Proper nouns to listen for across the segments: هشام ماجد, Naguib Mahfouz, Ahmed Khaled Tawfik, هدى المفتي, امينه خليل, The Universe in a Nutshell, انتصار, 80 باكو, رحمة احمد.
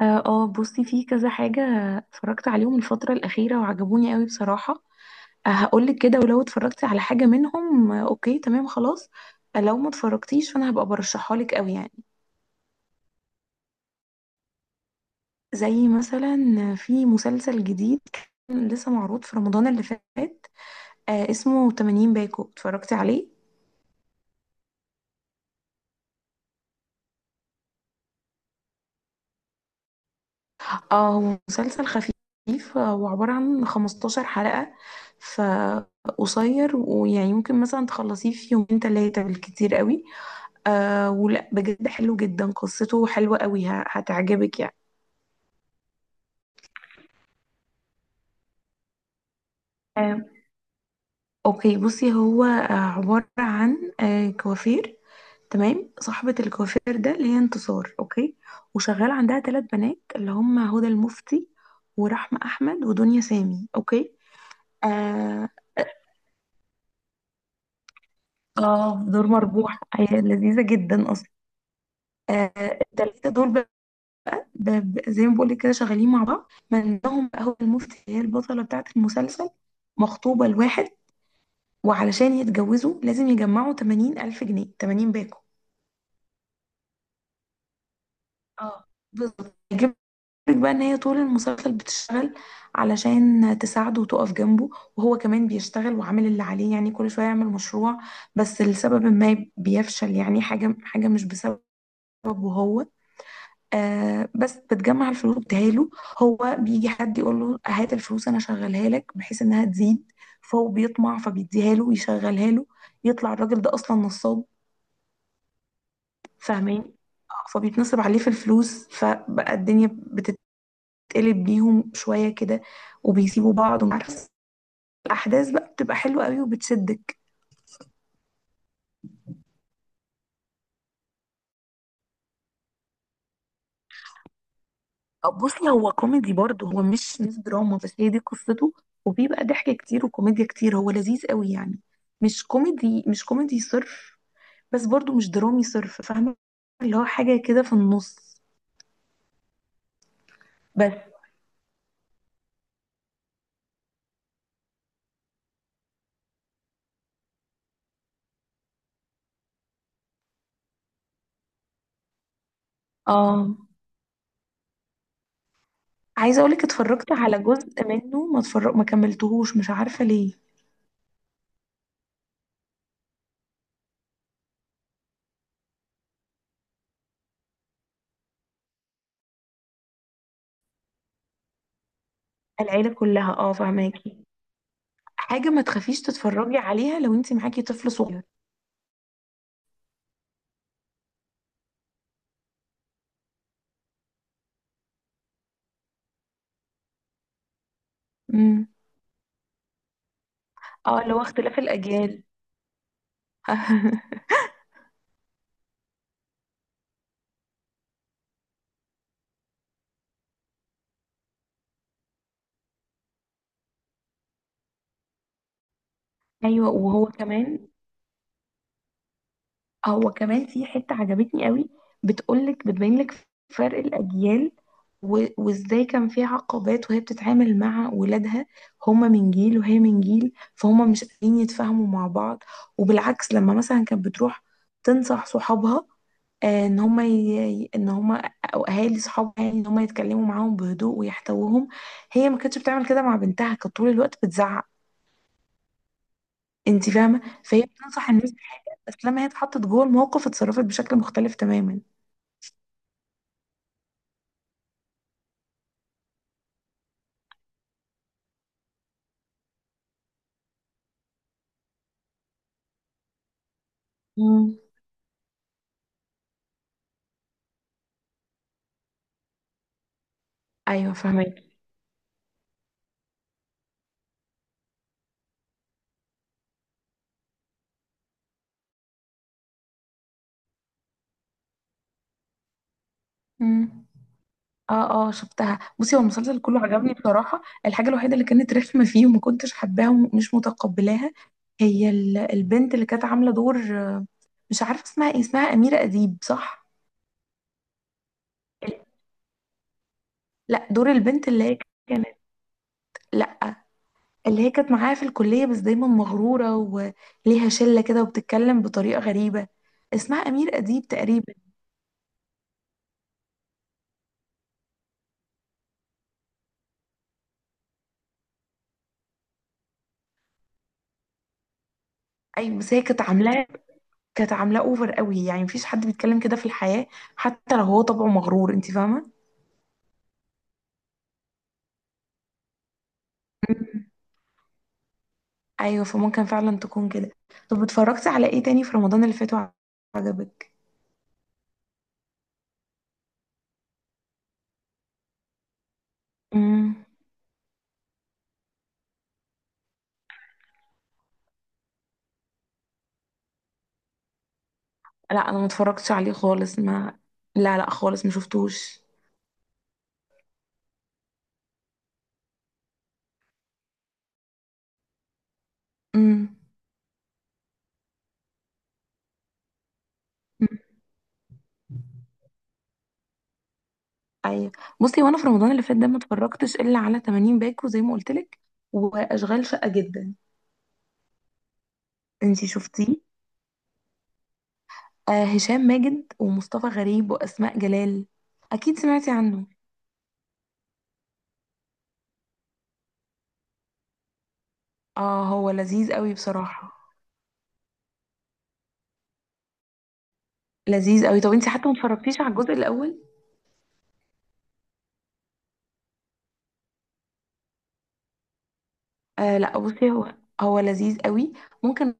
اه بصي في كذا حاجة. اتفرجت عليهم الفترة الأخيرة وعجبوني قوي بصراحة. هقولك كده، ولو اتفرجتي على حاجة منهم آه، اوكي تمام خلاص. لو ما اتفرجتيش فانا هبقى برشحها لك قوي يعني. زي مثلا في مسلسل جديد كان لسه معروض في رمضان اللي فات. اسمه 80 باكو. اتفرجتي عليه؟ اه، هو مسلسل خفيف وعبارة عن 15 حلقة. فقصير، ويعني ممكن مثلا تخلصيه في يومين تلاتة بالكتير قوي. ولا بجد حلو جدا، قصته حلوة قوي، هتعجبك يعني. آه اوكي بصي، هو عبارة عن كوافير. تمام، صاحبة الكوافير ده اللي هي انتصار، اوكي. وشغال عندها ثلاث بنات اللي هم هدى المفتي ورحمة احمد ودنيا سامي، اوكي. آه اه دور مربوح، هي لذيذة جدا اصلا. آه التلاتة دول زي ما بقولك كده شغالين مع بعض. منهم بقى هدى المفتي اللي هي البطلة بتاعة المسلسل، مخطوبة لواحد، وعلشان يتجوزوا لازم يجمعوا 80 ألف جنيه، 80 باكو. اه بالظبط. هيجيب لك بقى ان هي طول المسلسل بتشتغل علشان تساعده وتقف جنبه. وهو كمان بيشتغل وعامل اللي عليه، يعني كل شويه يعمل مشروع، بس لسبب ما بيفشل يعني، حاجه حاجه مش بسببه هو. بس بتجمع الفلوس بتهاله. هو بيجي حد يقول له هات الفلوس انا شغلها لك بحيث انها تزيد، فهو بيطمع فبيديها له ويشغلها له. يطلع الراجل ده اصلا نصاب، فاهماني؟ فبيتنصب عليه في الفلوس، فبقى الدنيا بتتقلب بيهم شوية كده، وبيسيبوا بعض ومش عارفة. الأحداث بقى بتبقى حلوة قوي وبتشدك. بصي، هو كوميدي برضه، هو مش دراما، بس هي دي قصته. وبيبقى ضحك كتير وكوميديا كتير، هو لذيذ قوي يعني. مش كوميدي، مش كوميدي صرف، بس برضه مش درامي صرف. فاهمة؟ اللي هو حاجة كده في النص. بس اه عايزة اقولك اتفرجت على جزء منه، ما اتفرج، ما كملتهوش، مش عارفة ليه. العيلة كلها، فهماكي، حاجة ما تخافيش تتفرجي عليها لو انت معاكي طفل صغير. امم اه اللي هو اختلاف الأجيال. ايوه وهو كمان، هو كمان في حتة عجبتني قوي. بتقولك، بتبين لك فرق الأجيال، وازاي كان في عقبات وهي بتتعامل مع ولادها. هما من جيل وهي من جيل، فهما مش قادرين يتفاهموا مع بعض. وبالعكس لما مثلا كانت بتروح تنصح صحابها، ان هما او اهالي صحابها يعني، ان هما يتكلموا معاهم بهدوء ويحتوهم. هي ما كانتش بتعمل كده مع بنتها، كانت طول الوقت بتزعق. انت فاهمه؟ فهي بتنصح الناس بحاجه، بس لما هي اتحطت جوه الموقف اتصرفت بشكل مختلف تماما. مم. ايوه فاهمك. امم اه، اه، شفتها. بصي هو المسلسل كله عجبني بصراحه، الحاجه الوحيده اللي كانت رخمه فيه وما كنتش حباها ومش متقبلاها، هي البنت اللي كانت عامله دور. مش عارفه اسمها ايه، اسمها اميره اديب، صح؟ لا، دور البنت اللي هي كانت لا اللي هي كانت معاها في الكليه، بس دايما مغروره وليها شله كده وبتتكلم بطريقه غريبه. اسمها امير اديب تقريبا. ايوه بس هي كانت عاملاه اوفر قوي يعني، مفيش حد بيتكلم كده في الحياة، حتى لو هو طبعه مغرور. انت فاهمة؟ مم. ايوه فممكن فعلا تكون كده. طب اتفرجتي على ايه تاني في رمضان اللي فات وعجبك؟ امم لا، انا ما اتفرجتش عليه خالص ما لا، لا خالص ما شفتوش. امم. مم. ايوه. بصي وانا في رمضان اللي فات ده ما اتفرجتش الا على 80 باكو زي ما قلت لك، واشغال شقة جدا. انتي شفتيه؟ هشام ماجد ومصطفى غريب واسماء جلال. اكيد سمعتي عنه، اه هو لذيذ قوي بصراحة. لذيذ قوي. طب انت حتى ما اتفرجتيش على الجزء الاول؟ لا بصي، هو لذيذ قوي. ممكن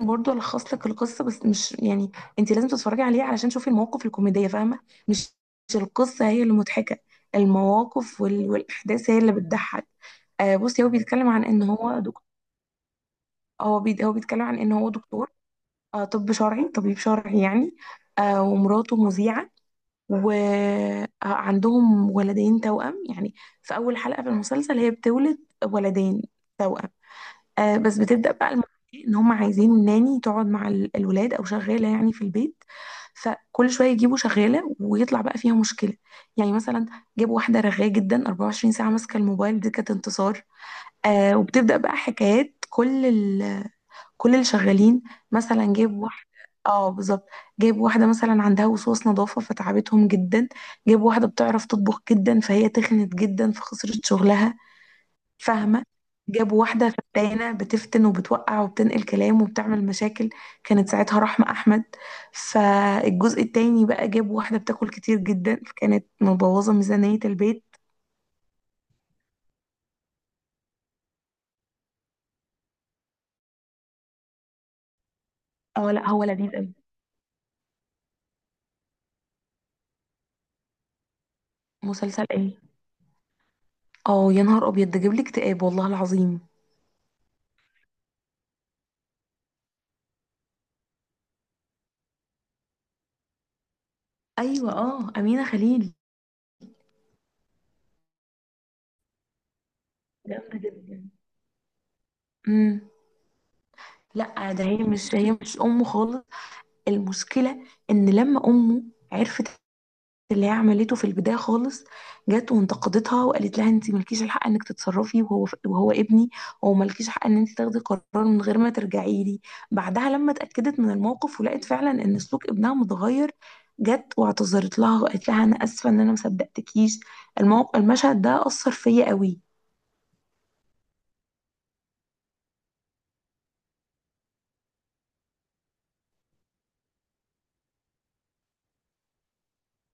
برضو الخص لك القصة، بس مش يعني، انت لازم تتفرجي عليه علشان تشوفي المواقف الكوميدية. فاهمة؟ مش مش القصة هي اللي مضحكة، المواقف والاحداث هي اللي بتضحك. بصي هو بيتكلم عن ان هو دكتور. هو بيتكلم عن ان هو دكتور، طب شرعي، طبيب شرعي يعني. ومراته مذيعة، وعندهم ولدين توأم يعني. في أول حلقة في المسلسل هي بتولد ولدين توأم. بس بتبدأ بقى الموضوع، إن هم عايزين ناني تقعد مع الولاد أو شغالة يعني في البيت. فكل شوية يجيبوا شغالة ويطلع بقى فيها مشكلة. يعني مثلا جابوا واحدة رغاية جدا، 24 ساعة ماسكة الموبايل، دي كانت انتصار. وبتبدأ بقى حكايات كل اللي شغالين. مثلا جايب واحدة اه بالظبط. جايب واحدة مثلا عندها وسواس نظافة فتعبتهم جدا. جايب واحدة بتعرف تطبخ جدا فهي تخنت جدا فخسرت شغلها. فاهمة؟ جاب واحدة فتانة بتفتن وبتوقع وبتنقل كلام وبتعمل مشاكل، كانت ساعتها رحمة أحمد. فالجزء التاني بقى جاب واحدة بتاكل كتير جدا، فكانت مبوظة ميزانية البيت. اه، لا هو لذيذ أوي. مسلسل ايه؟ اه، يا نهار أبيض، ده جاب لي اكتئاب والله العظيم. ايوه، امينه خليل جامدة جدا. امم لا ده، هي مش امه خالص. المشكله ان لما امه عرفت اللي هي عملته في البدايه خالص، جت وانتقدتها وقالت لها انت مالكيش الحق انك تتصرفي، وهو ابني، وهو مالكيش حق ان انت تاخدي قرار من غير ما ترجعي لي. بعدها لما اتاكدت من الموقف ولقيت فعلا ان سلوك ابنها متغير، جت واعتذرت لها وقالت لها انا اسفه ان انا ما صدقتكيش. الموقف، المشهد ده اثر فيا قوي.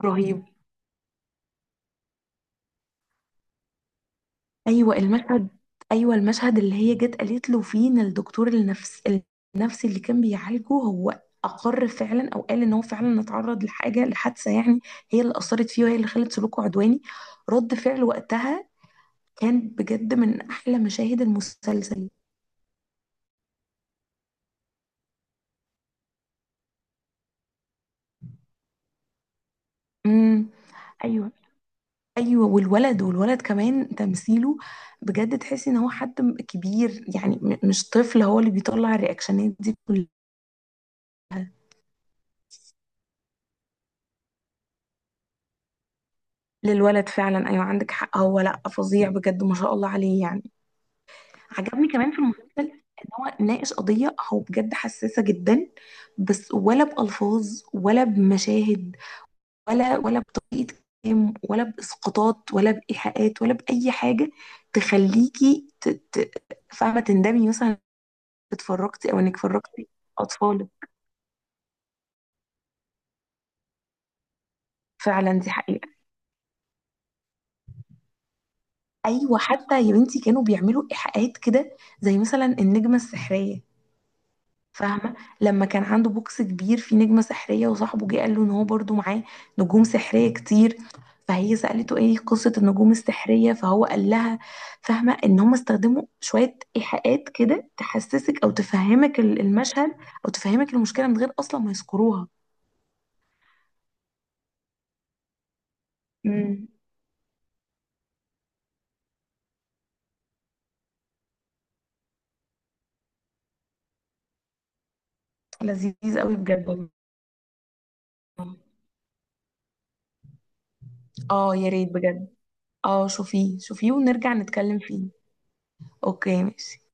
رهيب. ايوه المشهد ايوه المشهد اللي هي جت قالت له فيه ان الدكتور النفسي اللي كان بيعالجه هو اقر فعلا او قال ان هو فعلا اتعرض لحاجه، لحادثه يعني. هي اللي اثرت فيه، وهي اللي خلت سلوكه عدواني. رد فعل وقتها كان بجد من احلى مشاهد المسلسل. امم. ايوه ايوه والولد كمان تمثيله بجد، تحسي ان هو حد كبير يعني، مش طفل، هو اللي بيطلع الرياكشنات دي. للولد فعلا، ايوه عندك حق، هو لا فظيع بجد ما شاء الله عليه يعني. عجبني كمان في المسلسل ان هو ناقش قضيه، هو بجد حساسه جدا، بس ولا بالفاظ، ولا بمشاهد، ولا بطريقه كلام، ولا باسقاطات، ولا بايحاءات، ولا باي حاجه تخليكي فاهمه تندمي مثلا إنك اتفرجتي، او انك فرجتي اطفالك. فعلا دي حقيقه. ايوه حتى يا بنتي كانوا بيعملوا ايحاءات كده، زي مثلا النجمه السحريه. فاهمة؟ لما كان عنده بوكس كبير فيه نجمة سحرية، وصاحبه جه قال له ان هو برضو معاه نجوم سحرية كتير. فهي سألته ايه قصة النجوم السحرية، فهو قال لها، فاهمة، ان هم استخدموا شوية ايحاءات كده تحسسك او تفهمك المشهد، او تفهمك المشكلة من غير اصلا ما يذكروها. امم. لذيذ قوي بجد والله. اه يا ريت بجد. اه شوفيه شوفيه، ونرجع نتكلم فيه. اوكي ماشي.